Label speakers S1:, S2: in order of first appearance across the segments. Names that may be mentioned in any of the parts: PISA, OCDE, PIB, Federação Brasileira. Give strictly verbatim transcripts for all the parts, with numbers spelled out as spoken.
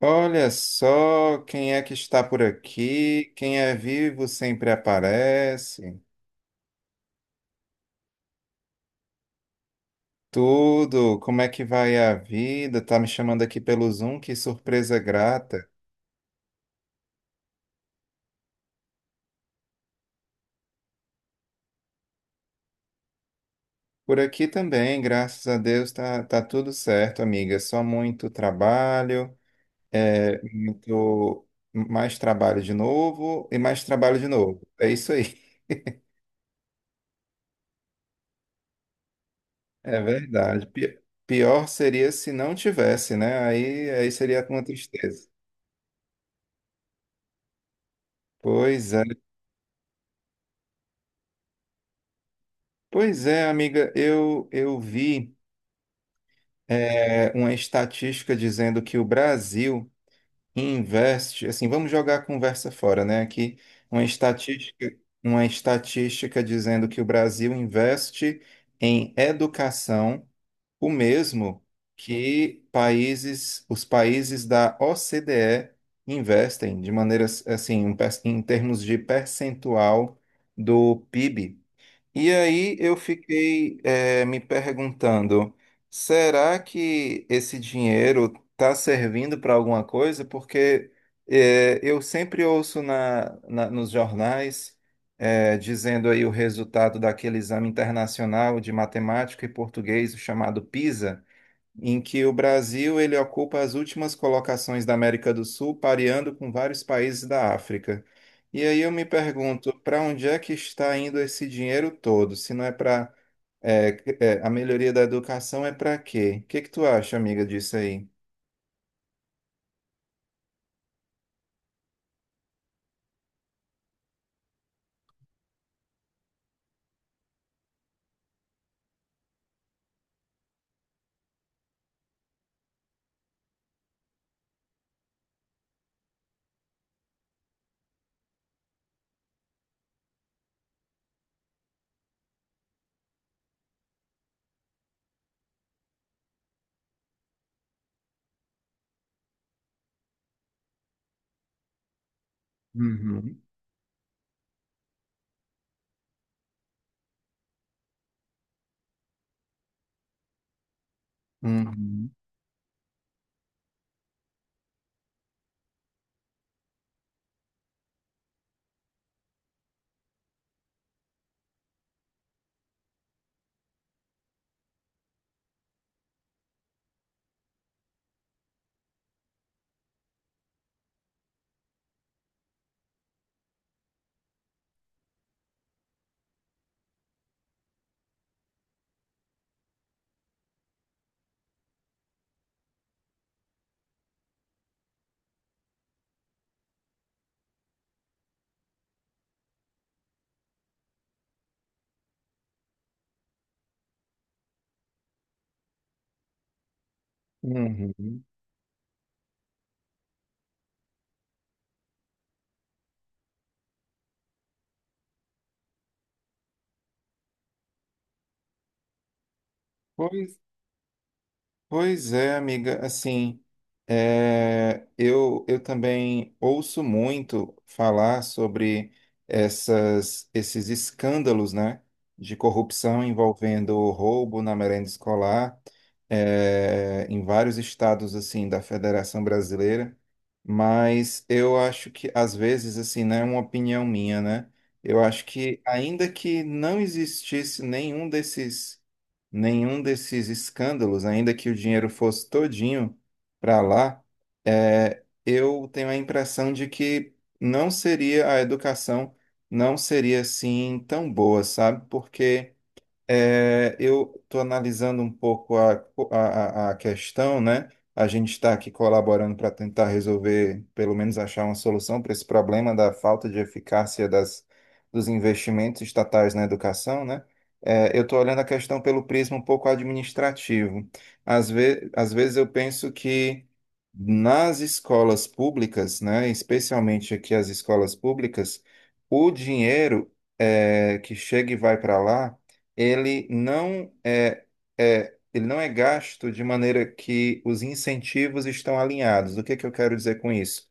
S1: Olha só quem é que está por aqui. Quem é vivo sempre aparece. Tudo, como é que vai a vida? Tá me chamando aqui pelo Zoom, que surpresa grata. Por aqui também, graças a Deus, tá, tá tudo certo, amiga. Só muito trabalho, é, muito mais trabalho de novo e mais trabalho de novo. É isso aí. É verdade. Pi- Pior seria se não tivesse, né? Aí, aí seria uma tristeza. Pois é. Pois é, amiga, eu, eu vi é, uma estatística dizendo que o Brasil investe, assim, vamos jogar a conversa fora, né? Aqui uma estatística, uma estatística dizendo que o Brasil investe em educação o mesmo que países, os países da O C D E investem de maneiras assim, em per- em termos de percentual do P I B. E aí eu fiquei eh, me perguntando, será que esse dinheiro está servindo para alguma coisa? Porque eh, eu sempre ouço na, na- nos jornais eh, dizendo aí o resultado daquele exame internacional de matemática e português chamado PISA em que o Brasil ele ocupa as últimas colocações da América do Sul, pareando com vários países da África. E aí eu me pergunto, para onde é que está indo esse dinheiro todo? Se não é para a melhoria da educação, é para quê? O que que tu acha, amiga, disso aí? Uhum, uhum. Uhum. Pois Pois é, amiga, assim, é, eu, eu também ouço muito falar sobre essas, esses escândalos, né, de corrupção envolvendo roubo na merenda escolar, é, em vários estados, assim, da Federação Brasileira, mas eu acho que, às vezes, assim, né, é uma opinião minha, né, eu acho que, ainda que não existisse nenhum desses nenhum desses escândalos, ainda que o dinheiro fosse todinho para lá, é, eu tenho a impressão de que não seria a educação, não seria assim tão boa, sabe? Porque é, eu estou analisando um pouco a, a, a a questão, né? A gente está aqui colaborando para tentar resolver, pelo menos achar uma solução para esse problema da falta de eficácia das, dos investimentos estatais na educação, né? É, eu estou olhando a questão pelo prisma um pouco administrativo. Às ve às vezes eu penso que nas escolas públicas, né? Especialmente aqui as escolas públicas, o dinheiro é, que chega e vai para lá ele não é, é, ele não é gasto de maneira que os incentivos estão alinhados. O que é que eu quero dizer com isso?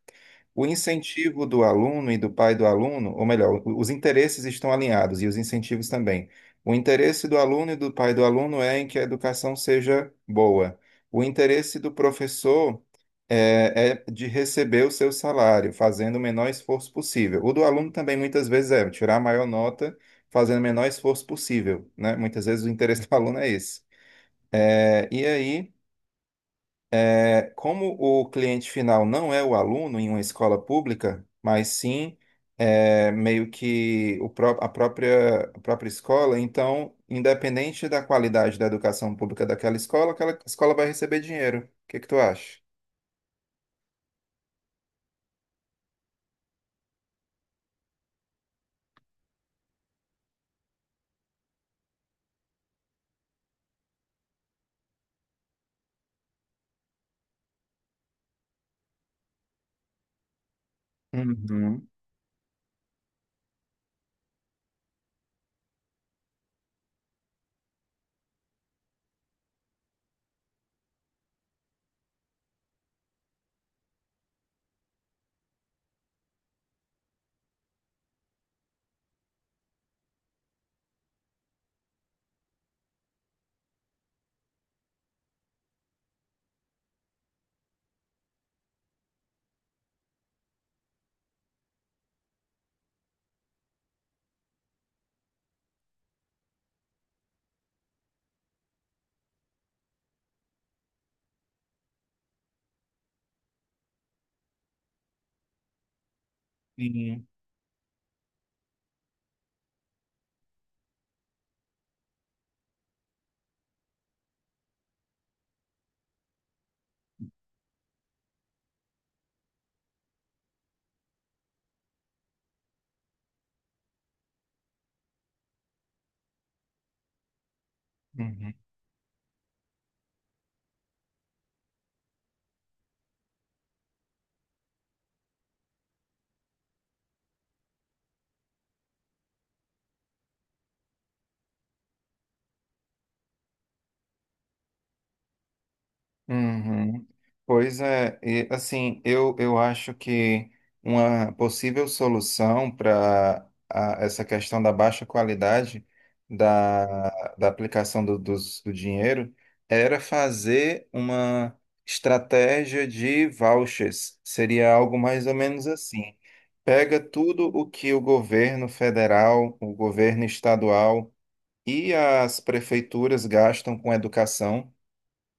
S1: O incentivo do aluno e do pai do aluno, ou melhor, o- os interesses estão alinhados e os incentivos também. O interesse do aluno e do pai do aluno é em que a educação seja boa. O interesse do professor é, é de receber o seu salário, fazendo o menor esforço possível. O do aluno também muitas vezes é tirar a maior nota, fazendo o menor esforço possível, né? Muitas vezes o interesse do aluno é esse. É, e aí como o cliente final não é o aluno em uma escola pública, mas sim é, meio que o pró- a própria, a própria escola, então, independente da qualidade da educação pública daquela escola, aquela escola vai receber dinheiro. O que que tu acha? Uhum. Sim. Uhum. Uhum. Pois é, e, assim, eu, eu acho que uma possível solução para essa questão da baixa qualidade da, da aplicação do, dos- do dinheiro era fazer uma estratégia de vouchers. Seria algo mais ou menos assim. Pega tudo o que o governo federal, o governo estadual e as prefeituras gastam com educação.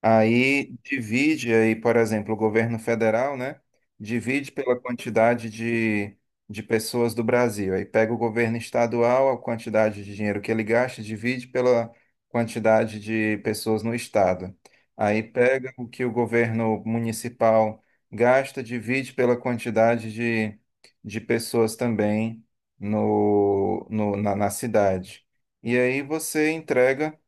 S1: Aí divide aí, por exemplo, o governo federal, né? Divide pela quantidade de, de pessoas do Brasil. Aí pega o governo estadual, a quantidade de dinheiro que ele gasta, divide pela quantidade de pessoas no estado. Aí pega o que o governo municipal gasta, divide pela quantidade de, de pessoas também no, no, na na cidade. E aí você entrega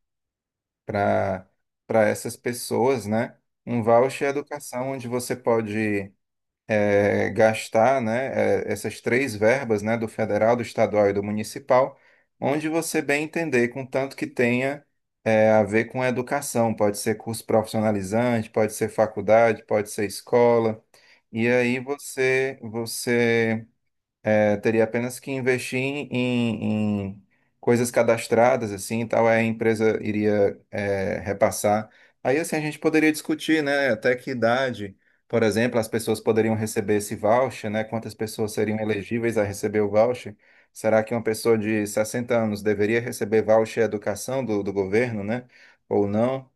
S1: para para essas pessoas, né? Um voucher é educação onde você pode é, gastar, né? É, essas três verbas, né? Do federal, do estadual e do municipal, onde você bem entender, contanto que tenha é, a ver com a educação. Pode ser curso profissionalizante, pode ser faculdade, pode ser escola. E aí você você é, teria apenas que investir em, em, coisas cadastradas, assim, e tal, aí a empresa iria, é, repassar. Aí, assim, a gente poderia discutir, né, até que idade, por exemplo, as pessoas poderiam receber esse voucher, né, quantas pessoas seriam elegíveis a receber o voucher. Será que uma pessoa de sessenta anos deveria receber voucher educação do, do governo, né, ou não?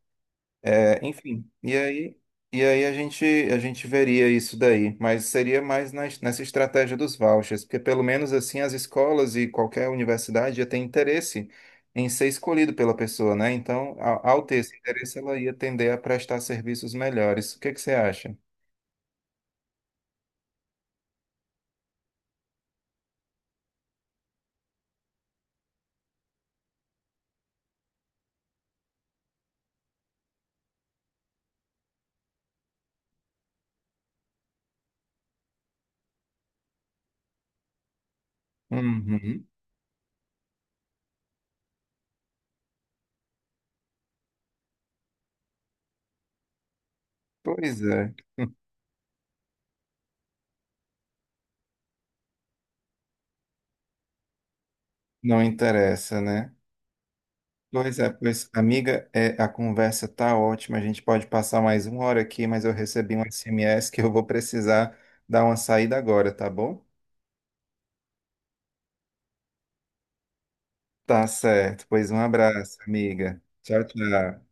S1: É, enfim, e aí, e aí a gente, a gente veria isso daí, mas seria mais na, nessa estratégia dos vouchers, porque pelo menos assim as escolas e qualquer universidade ia ter interesse em ser escolhido pela pessoa, né? Então, a- ao ter esse interesse, ela ia tender a prestar serviços melhores. O que que você acha? Uhum. Pois é, não interessa, né? Pois é, pois, amiga, é, a conversa tá ótima. A gente pode passar mais uma hora aqui, mas eu recebi um S M S que eu vou precisar dar uma saída agora, tá bom? Tá certo. Pois um abraço, amiga. Tchau, tchau.